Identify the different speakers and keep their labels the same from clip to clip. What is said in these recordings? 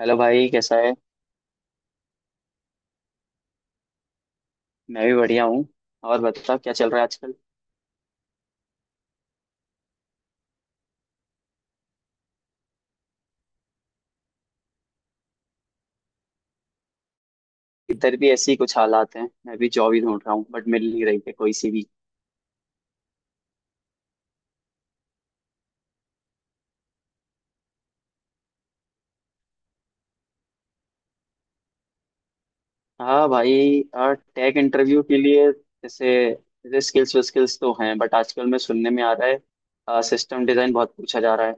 Speaker 1: Hello भाई, कैसा है। मैं भी बढ़िया हूँ। और बता, क्या चल रहा है आजकल। इधर भी ऐसे ही कुछ हालात हैं, मैं भी जॉब ही ढूंढ रहा हूँ, बट मिल नहीं रही है कोई सी भी। हाँ भाई, और टेक इंटरव्यू के लिए जैसे जैसे स्किल्स स्किल्स तो हैं, बट आजकल मैं सुनने में आ रहा है सिस्टम डिजाइन बहुत पूछा जा रहा है।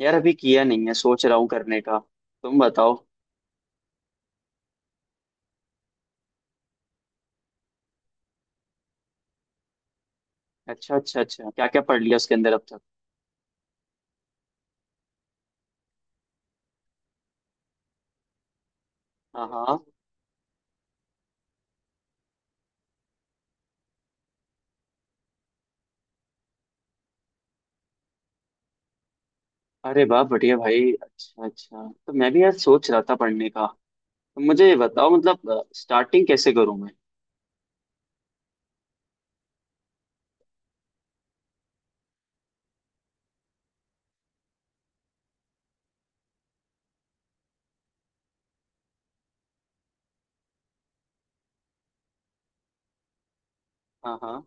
Speaker 1: यार अभी किया नहीं है, सोच रहा हूँ करने का। तुम बताओ। अच्छा अच्छा अच्छा, क्या क्या पढ़ लिया उसके अंदर अब तक। हाँ हाँ। अरे वाह, बढ़िया भाई, अच्छा अच्छा, तो मैं भी यार सोच रहा था पढ़ने का। मुझे ये बताओ, मतलब स्टार्टिंग कैसे करूं मैं। हाँ हाँ।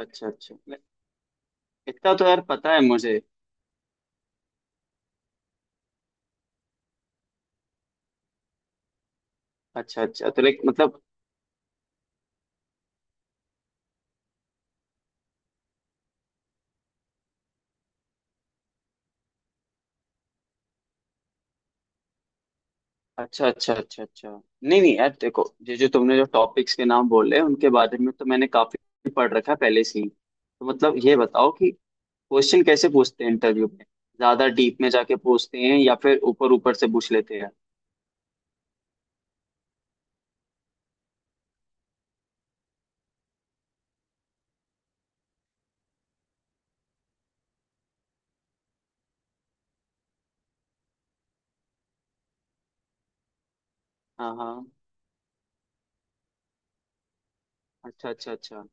Speaker 1: अच्छा अच्छा इतना तो यार पता है मुझे। अच्छा अच्छा, तो लाइक मतलब अच्छा अच्छा अच्छा अच्छा। नहीं नहीं यार, देखो, ये जो तुमने जो टॉपिक्स के नाम बोले उनके बारे में तो मैंने काफी पढ़ रखा है पहले से ही, तो मतलब ये बताओ कि क्वेश्चन कैसे पूछते हैं इंटरव्यू में। ज्यादा डीप में जाके पूछते हैं या फिर ऊपर ऊपर से पूछ लेते हैं। हाँ हाँ। अच्छा अच्छा अच्छा।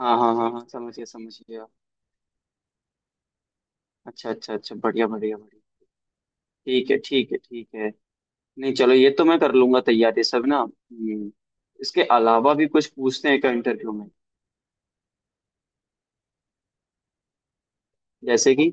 Speaker 1: हाँ हाँ हाँ हाँ, समझ गया समझ गया। अच्छा अच्छा अच्छा, बढ़िया बढ़िया बढ़िया। ठीक है ठीक है ठीक है। नहीं चलो, ये तो मैं कर लूंगा तैयारी सब ना। इसके अलावा भी कुछ पूछते हैं क्या इंटरव्यू में। जैसे कि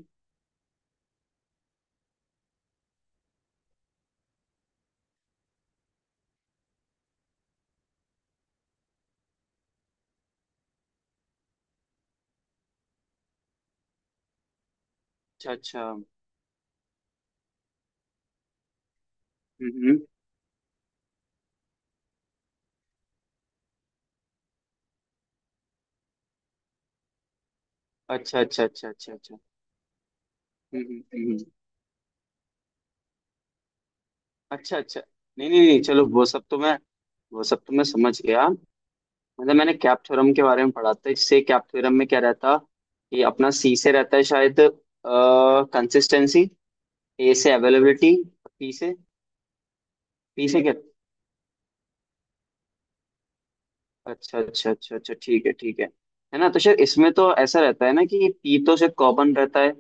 Speaker 1: अच्छा अच्छा। हम्म, अच्छा अच्छा अच्छा अच्छा अच्छा। हम्म हम्म हम्म, अच्छा अच्छा। नहीं नहीं नहीं चलो, वो सब तो मैं समझ गया। मतलब मैंने कैप थ्योरम के बारे में पढ़ा था, इससे कैप थ्योरम में क्या रहता, ये अपना सी से रहता है शायद। कंसिस्टेंसी। ए से अवेलेबिलिटी। पी से। पी से अच्छा अच्छा अच्छा अच्छा, ठीक है ठीक है। है ना, तो शायद इसमें तो ऐसा रहता है ना कि पी तो शायद कॉमन रहता है।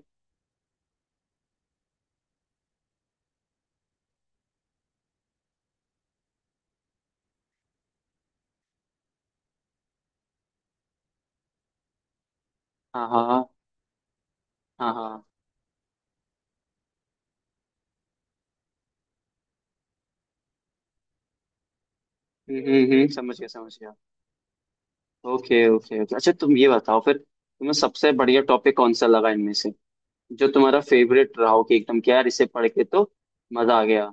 Speaker 1: हाँ हाँ हाँ। हाँ हाँ। समझ गया समझ गया। ओके ओके ओके, अच्छा तुम ये बताओ, फिर तुम्हें सबसे बढ़िया टॉपिक कौन सा लगा इनमें से, जो तुम्हारा फेवरेट रहा हो, कि एकदम क्या यार इसे पढ़ के तो मजा आ गया।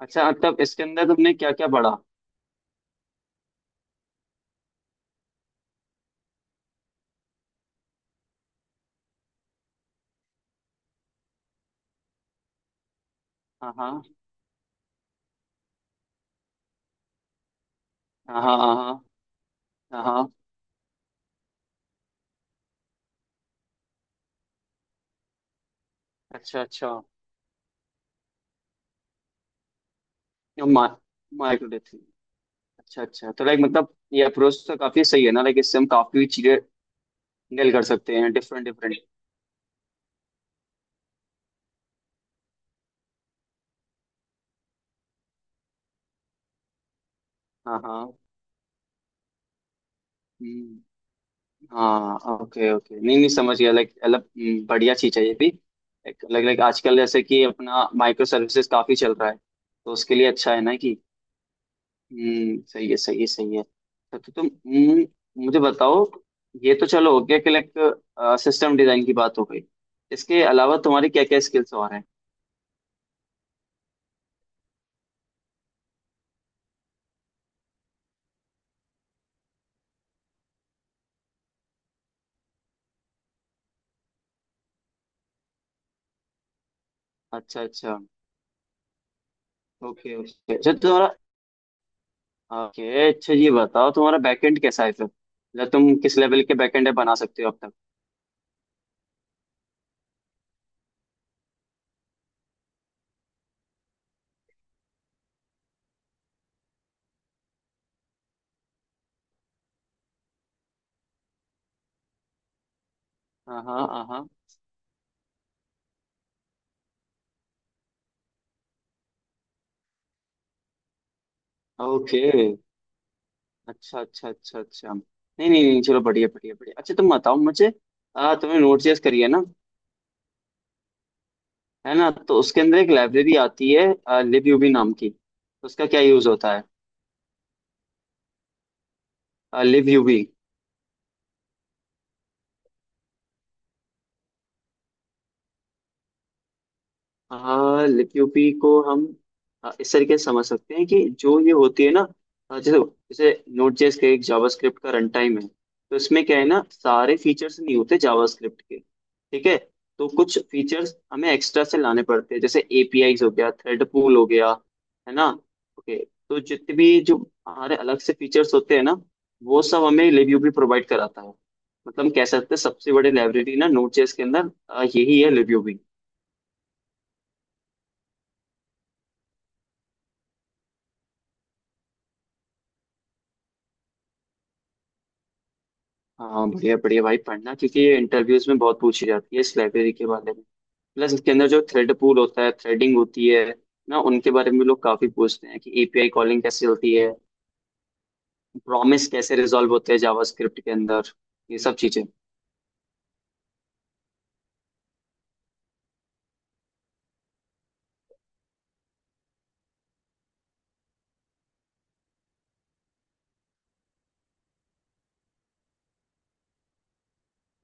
Speaker 1: अच्छा, मतलब इसके अंदर तुमने क्या क्या पढ़ा। हाँ हाँ हाँ हाँ। हाँ हाँ हाँ, हाँ, अच्छा अच्छा। माइक्रोडेथ। अच्छा अच्छा, तो लाइक मतलब ये अप्रोच तो काफी सही है ना, लाइक इससे हम काफी चीजें डील कर सकते हैं डिफरेंट डिफरेंट। हाँ हाँ। हम्म, हाँ ओके ओके, नहीं नहीं समझ गया, लाइक अलग। बढ़िया चीज है ये भी। लाइक लाइक आजकल जैसे कि अपना माइक्रो सर्विसेज काफी चल रहा है, तो उसके लिए अच्छा है ना कि सही है सही है सही है। तो तुम मुझे बताओ। ये तो चलो हो गया कि लाइक सिस्टम डिजाइन की बात हो गई, इसके अलावा तुम्हारी क्या क्या स्किल्स और हैं। अच्छा अच्छा। ओके ओके, अच्छा तुम्हारा ओके। अच्छा ये बताओ, तुम्हारा बैकएंड कैसा है फिर, मतलब तुम किस लेवल के बैकएंड बना सकते हो अब तक। हाँ हाँ हाँ हाँ। ओके। अच्छा अच्छा अच्छा अच्छा, नहीं नहीं नहीं चलो, बढ़िया बढ़िया बढ़िया, अच्छा तुम बताओ मुझे। तुमने नोट जेएस करी है ना। है ना, तो उसके अंदर एक लाइब्रेरी आती है लिब यूबी नाम की, उसका क्या यूज होता है। Libuv. हाँ, लिक्यूपी को हम इस तरीके से समझ सकते हैं कि जो ये होती है ना, अ, जैसे जैसे नोड जेएस का एक जावास्क्रिप्ट का रन टाइम है। तो इसमें क्या है ना, सारे फीचर्स नहीं होते जावास्क्रिप्ट के, ठीक है। तो कुछ फीचर्स हमें एक्स्ट्रा से लाने पड़ते हैं, जैसे एपीआई हो गया, थ्रेड पूल हो गया, है ना। ओके। तो जितने भी जो हमारे अलग से फीचर्स होते हैं ना, वो सब हमें लिक्यूपी प्रोवाइड कराता है। मतलब हम कह सकते हैं सबसे बड़ी लाइब्रेरी ना नोड जेएस के अंदर यही है लिक्यूपी। हाँ बढ़िया बढ़िया भाई, पढ़ना, क्योंकि ये इंटरव्यूज में बहुत पूछी जाती है इस लाइब्रेरी के बारे में। प्लस इसके अंदर जो थ्रेड पूल होता है, थ्रेडिंग होती है ना, उनके बारे में लोग काफी पूछते हैं कि एपीआई कॉलिंग कैसे होती है, प्रॉमिस कैसे रिजॉल्व होते हैं जावास्क्रिप्ट के अंदर, ये सब चीजें।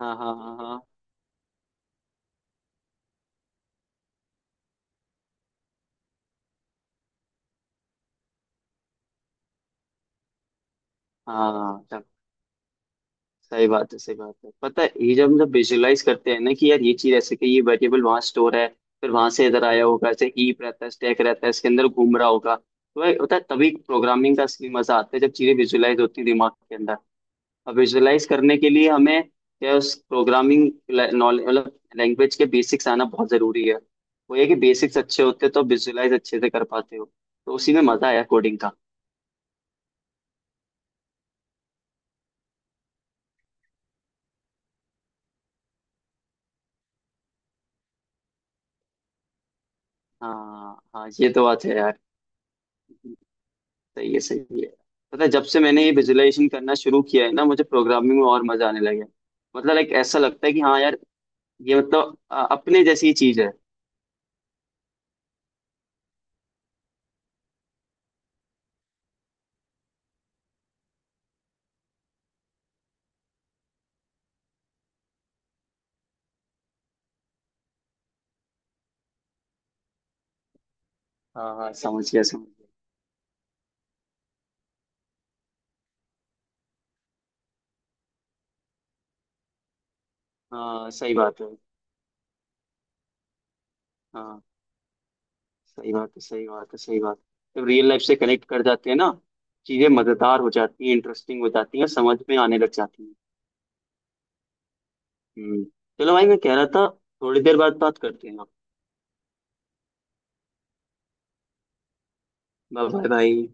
Speaker 1: हाँ हाँ हाँ हाँ हाँ हाँ, सही बात है सही बात है। पता है, ये जब हम जब विजुअलाइज करते हैं ना कि यार ये चीज ऐसे, कि ये वेरिएबल वहां स्टोर है, फिर वहां से इधर आया होगा, ऐसे हीप रहता है स्टैक रहता है, इसके अंदर घूम रहा होगा, तो भाई होता है तभी प्रोग्रामिंग का असली मजा आता है, जब चीजें विजुअलाइज होती है दिमाग के अंदर। और विजुअलाइज करने के लिए हमें क्या, उस प्रोग्रामिंग नॉलेज मतलब लैंग्वेज के बेसिक्स आना बहुत जरूरी है। वो ये कि बेसिक्स अच्छे होते तो विजुअलाइज अच्छे से कर पाते हो, तो उसी में मजा आया कोडिंग का। हाँ हाँ, ये तो बात है यार, सही है सही है। पता है, जब से मैंने ये विजुअलाइजेशन करना शुरू किया है ना, मुझे प्रोग्रामिंग में और मजा आने लगा है। मतलब एक ऐसा लगता है कि हाँ यार, ये मतलब अपने जैसी ही चीज है। हाँ हाँ समझ गया समझ गया। हाँ सही बात है, हाँ सही बात है सही बात है सही बात है। जब रियल लाइफ से कनेक्ट कर जाते हैं ना, चीजें मजेदार हो जाती हैं, इंटरेस्टिंग हो जाती हैं, समझ में आने लग जाती हैं। हम्म। चलो भाई, मैं कह रहा था थोड़ी देर बाद बात करते हैं। बाय बाय भाई।